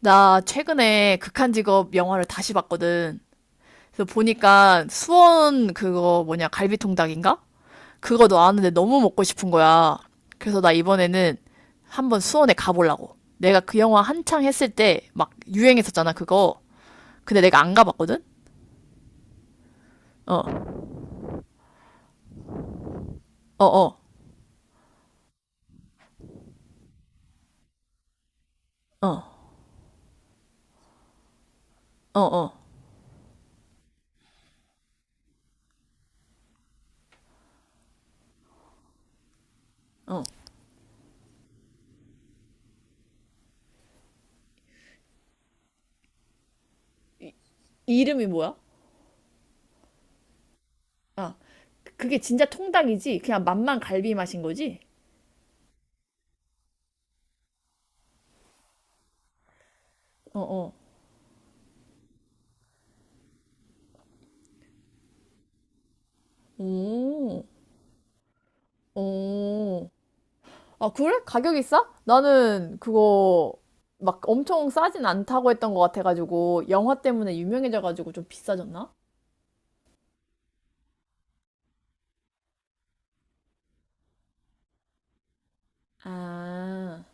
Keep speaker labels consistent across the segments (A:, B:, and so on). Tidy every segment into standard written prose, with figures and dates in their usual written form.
A: 나 최근에 극한 직업 영화를 다시 봤거든. 그래서 보니까 수원 그거 뭐냐, 갈비통닭인가? 그거 나왔는데 너무 먹고 싶은 거야. 그래서 나 이번에는 한번 수원에 가보려고. 내가 그 영화 한창 했을 때 막 유행했었잖아, 그거. 근데 내가 안 가봤거든? 어, 어, 어, 어, 어, 어. 이름이 뭐야? 그게 진짜 통닭이지? 그냥 맛만 갈비 맛인 거지? 어, 어. 오, 오. 아, 그래? 가격이 싸? 나는 그거 막 엄청 싸진 않다고 했던 것 같아가지고, 영화 때문에 유명해져가지고 좀 비싸졌나? 아,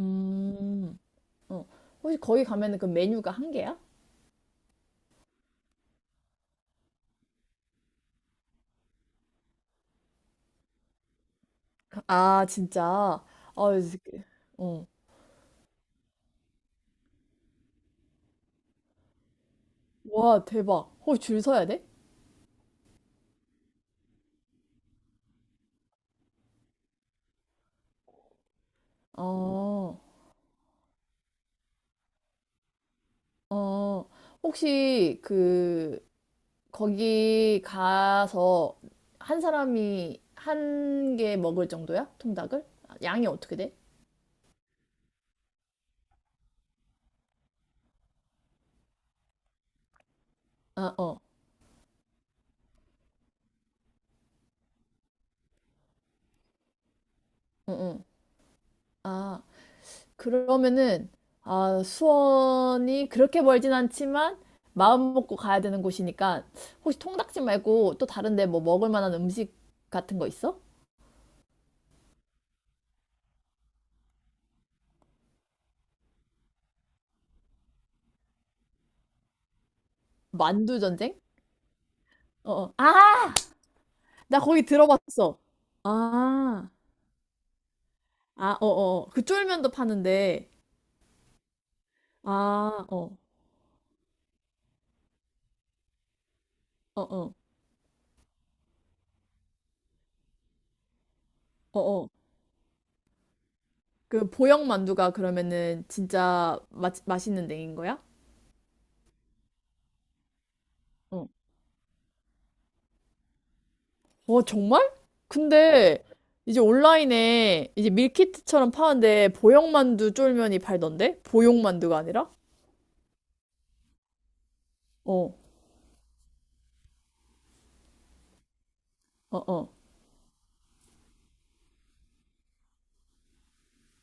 A: 음, 어. 혹시 거기 가면은 그 메뉴가 한 개야? 아, 진짜. 아, 이 새끼. 어. 와, 대박. 혹시 줄 서야 돼? 어, 어. 혹시 그, 거기 가서 한 사람이 한 개 먹을 정도야? 통닭을? 양이 어떻게 돼? 아, 어, 응, 응. 아, 그러면은, 아, 수원이 그렇게 멀진 않지만, 마음 먹고 가야 되는 곳이니까, 혹시 통닭집 말고 또 다른데 뭐 먹을 만한 음식 같은 거 있어? 만두 전쟁? 어, 어. 아! 나 거기 들어봤어. 아, 아, 어, 어. 어. 그 쫄면도 파는데, 아, 어, 어, 어, 어, 어. 그 보영 만두가 그러면은 진짜 맛있는 데인 거야? 어. 와, 정말? 근데 이제 온라인에 이제 밀키트처럼 파는데 보형만두 쫄면이 팔던데? 보형만두가 아니라? 어, 어, 어.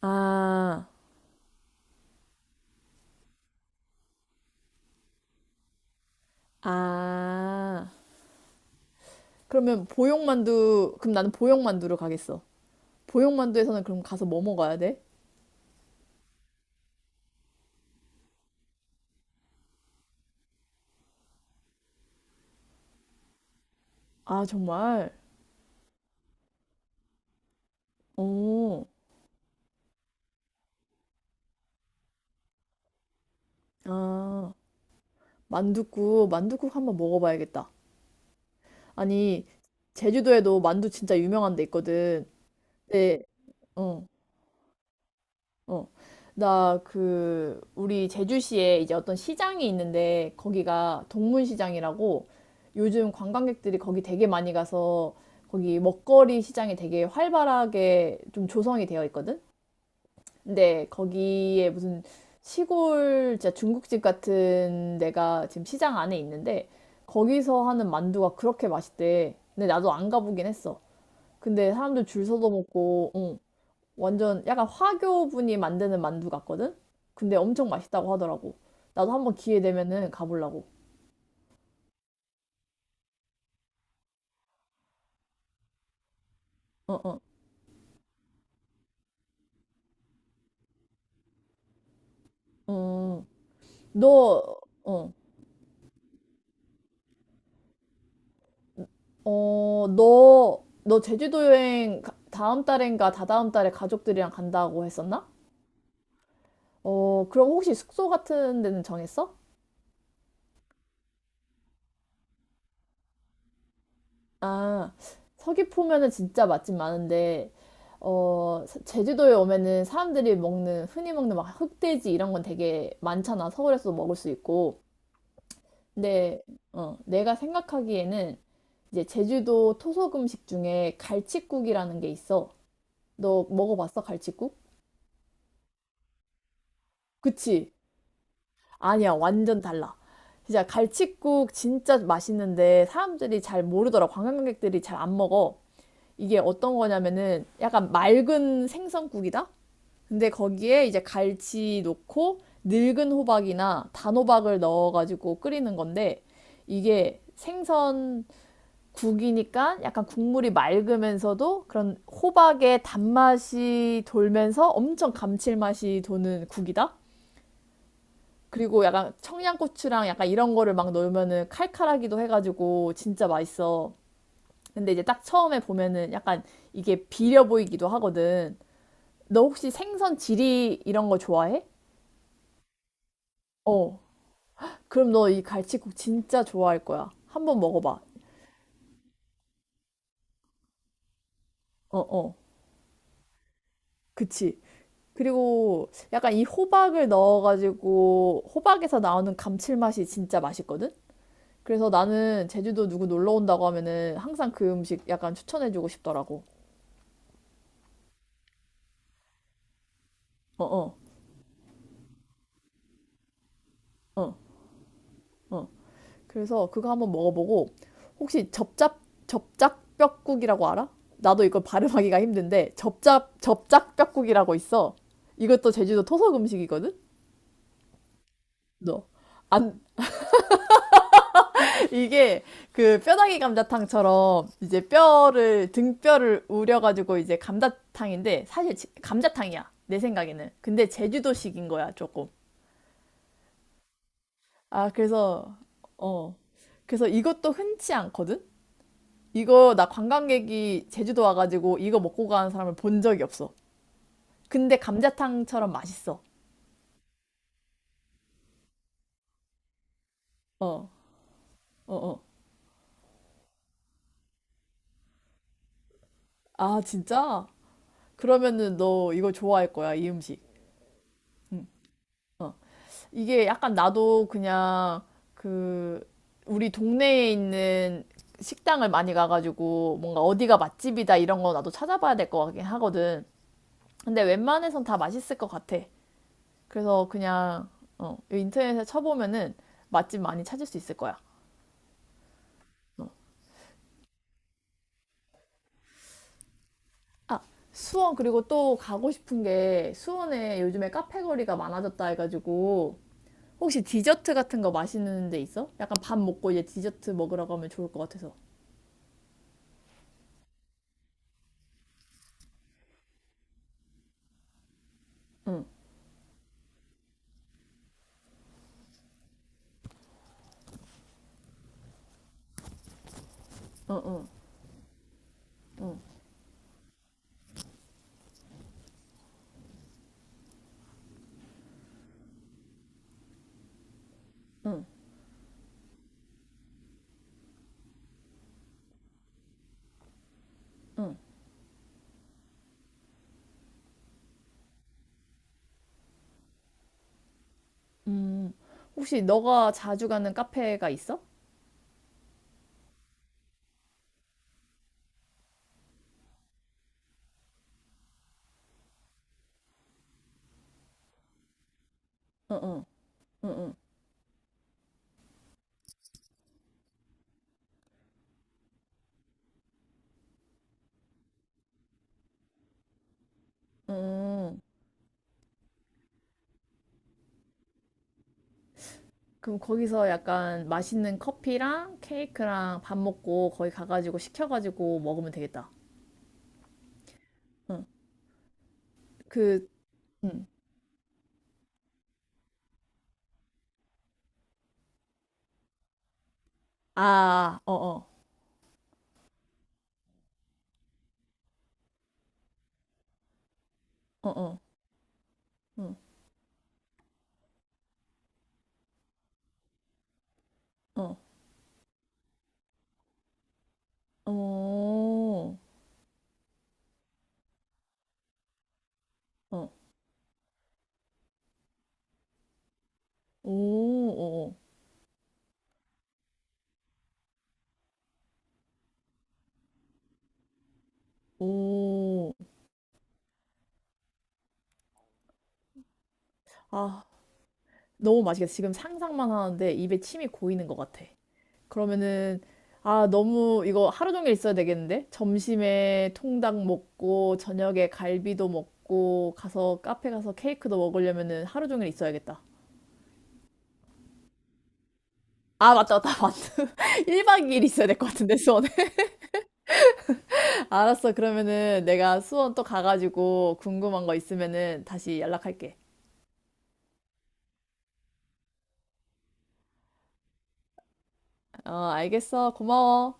A: 아, 아. 그러면 보형만두, 그럼 나는 보형만두로 가겠어. 보형만두에서는 그럼 가서 뭐 먹어야 돼? 아, 정말? 어, 아. 만둣국, 만둣국 한번 먹어봐야겠다. 아니, 제주도에도 만두 진짜 유명한 데 있거든. 네, 어. 어, 나 그, 우리 제주시에 이제 어떤 시장이 있는데, 거기가 동문시장이라고 요즘 관광객들이 거기 되게 많이 가서 거기 먹거리 시장이 되게 활발하게 좀 조성이 되어 있거든? 근데 거기에 무슨 시골 진짜 중국집 같은 데가 지금 시장 안에 있는데, 거기서 하는 만두가 그렇게 맛있대. 근데 나도 안 가보긴 했어. 근데 사람들 줄 서서 먹고, 응. 완전 약간 화교분이 만드는 만두 같거든? 근데 엄청 맛있다고 하더라고. 나도 한번 기회 되면은 가보려고. 어, 어, 음. 너, 어, 너 제주도 여행 다음 달인가 다다음 달에 가족들이랑 간다고 했었나? 어, 그럼 혹시 숙소 같은 데는 정했어? 아, 서귀포면은 진짜 맛집 많은데, 어, 제주도에 오면은 사람들이 먹는, 흔히 먹는 막 흑돼지 이런 건 되게 많잖아. 서울에서도 먹을 수 있고. 내, 내가 생각하기에는 이제 제주도 토속 음식 중에 갈치국이라는 게 있어. 너 먹어봤어, 갈치국? 그치? 아니야, 완전 달라. 진짜 갈치국 진짜 맛있는데 사람들이 잘 모르더라. 관광객들이 잘 안 먹어. 이게 어떤 거냐면은 약간 맑은 생선국이다? 근데 거기에 이제 갈치 넣고 늙은 호박이나 단호박을 넣어가지고 끓이는 건데 이게 생선 국이니까 약간 국물이 맑으면서도 그런 호박의 단맛이 돌면서 엄청 감칠맛이 도는 국이다. 그리고 약간 청양고추랑 약간 이런 거를 막 넣으면은 칼칼하기도 해가지고 진짜 맛있어. 근데 이제 딱 처음에 보면은 약간 이게 비려 보이기도 하거든. 너 혹시 생선 지리 이런 거 좋아해? 어. 그럼 너 이 갈치국 진짜 좋아할 거야. 한번 먹어봐. 어, 어. 그치. 그리고 약간 이 호박을 넣어가지고 호박에서 나오는 감칠맛이 진짜 맛있거든? 그래서 나는 제주도 누구 놀러 온다고 하면은 항상 그 음식 약간 추천해주고 싶더라고. 어어, 어, 어. 어. 그래서 그거 한번 먹어보고 혹시 접짝뼈국이라고 알아? 나도 이걸 발음하기가 힘든데 접짝뼈국이라고 있어. 이것도 제주도 토속 음식이거든? 너. 안, 이게 그 뼈다귀 감자탕처럼 이제 뼈를 등뼈를 우려가지고 이제 감자탕인데 사실 감자탕이야 내 생각에는 근데 제주도식인 거야 조금. 아 그래서 어 그래서 이것도 흔치 않거든. 이거 나 관광객이 제주도 와가지고 이거 먹고 가는 사람을 본 적이 없어. 근데 감자탕처럼 맛있어. 어 어 어 아 진짜 그러면은 너 이거 좋아할 거야 이 음식. 어 이게 약간 나도 그냥 그 우리 동네에 있는 식당을 많이 가가지고 뭔가 어디가 맛집이다 이런 거 나도 찾아봐야 될 것 같긴 하거든. 근데 웬만해선 다 맛있을 것 같아. 그래서 그냥 어, 인터넷에 쳐보면은 맛집 많이 찾을 수 있을 거야. 아, 수원 그리고 또 가고 싶은 게 수원에 요즘에 카페 거리가 많아졌다 해가지고 혹시 디저트 같은 거 맛있는 데 있어? 약간 밥 먹고 이제 디저트 먹으러 가면 좋을 것 같아서. 응. 음, 혹시 너가 자주 가는 카페가 있어? 응응, 응응, 응. 응. 응. 그럼 거기서 약간 맛있는 커피랑 케이크랑 밥 먹고 거기 가가지고 시켜가지고 먹으면 되겠다. 응, 그, 응. 아, 어어, 어어, 응, 어, 오, 어, 오, 오, 오. 아, 너무 맛있겠다. 지금 상상만 하는데 입에 침이 고이는 것 같아. 그러면은 아 너무 이거 하루 종일 있어야 되겠는데 점심에 통닭 먹고 저녁에 갈비도 먹고 가서 카페 가서 케이크도 먹으려면은 하루 종일 있어야겠다. 아 맞다 맞다 맞다. 1박 2일 있어야 될 것 같은데 수원에. 알았어 그러면은 내가 수원 또 가가지고 궁금한 거 있으면은 다시 연락할게. 어 알겠어 고마워.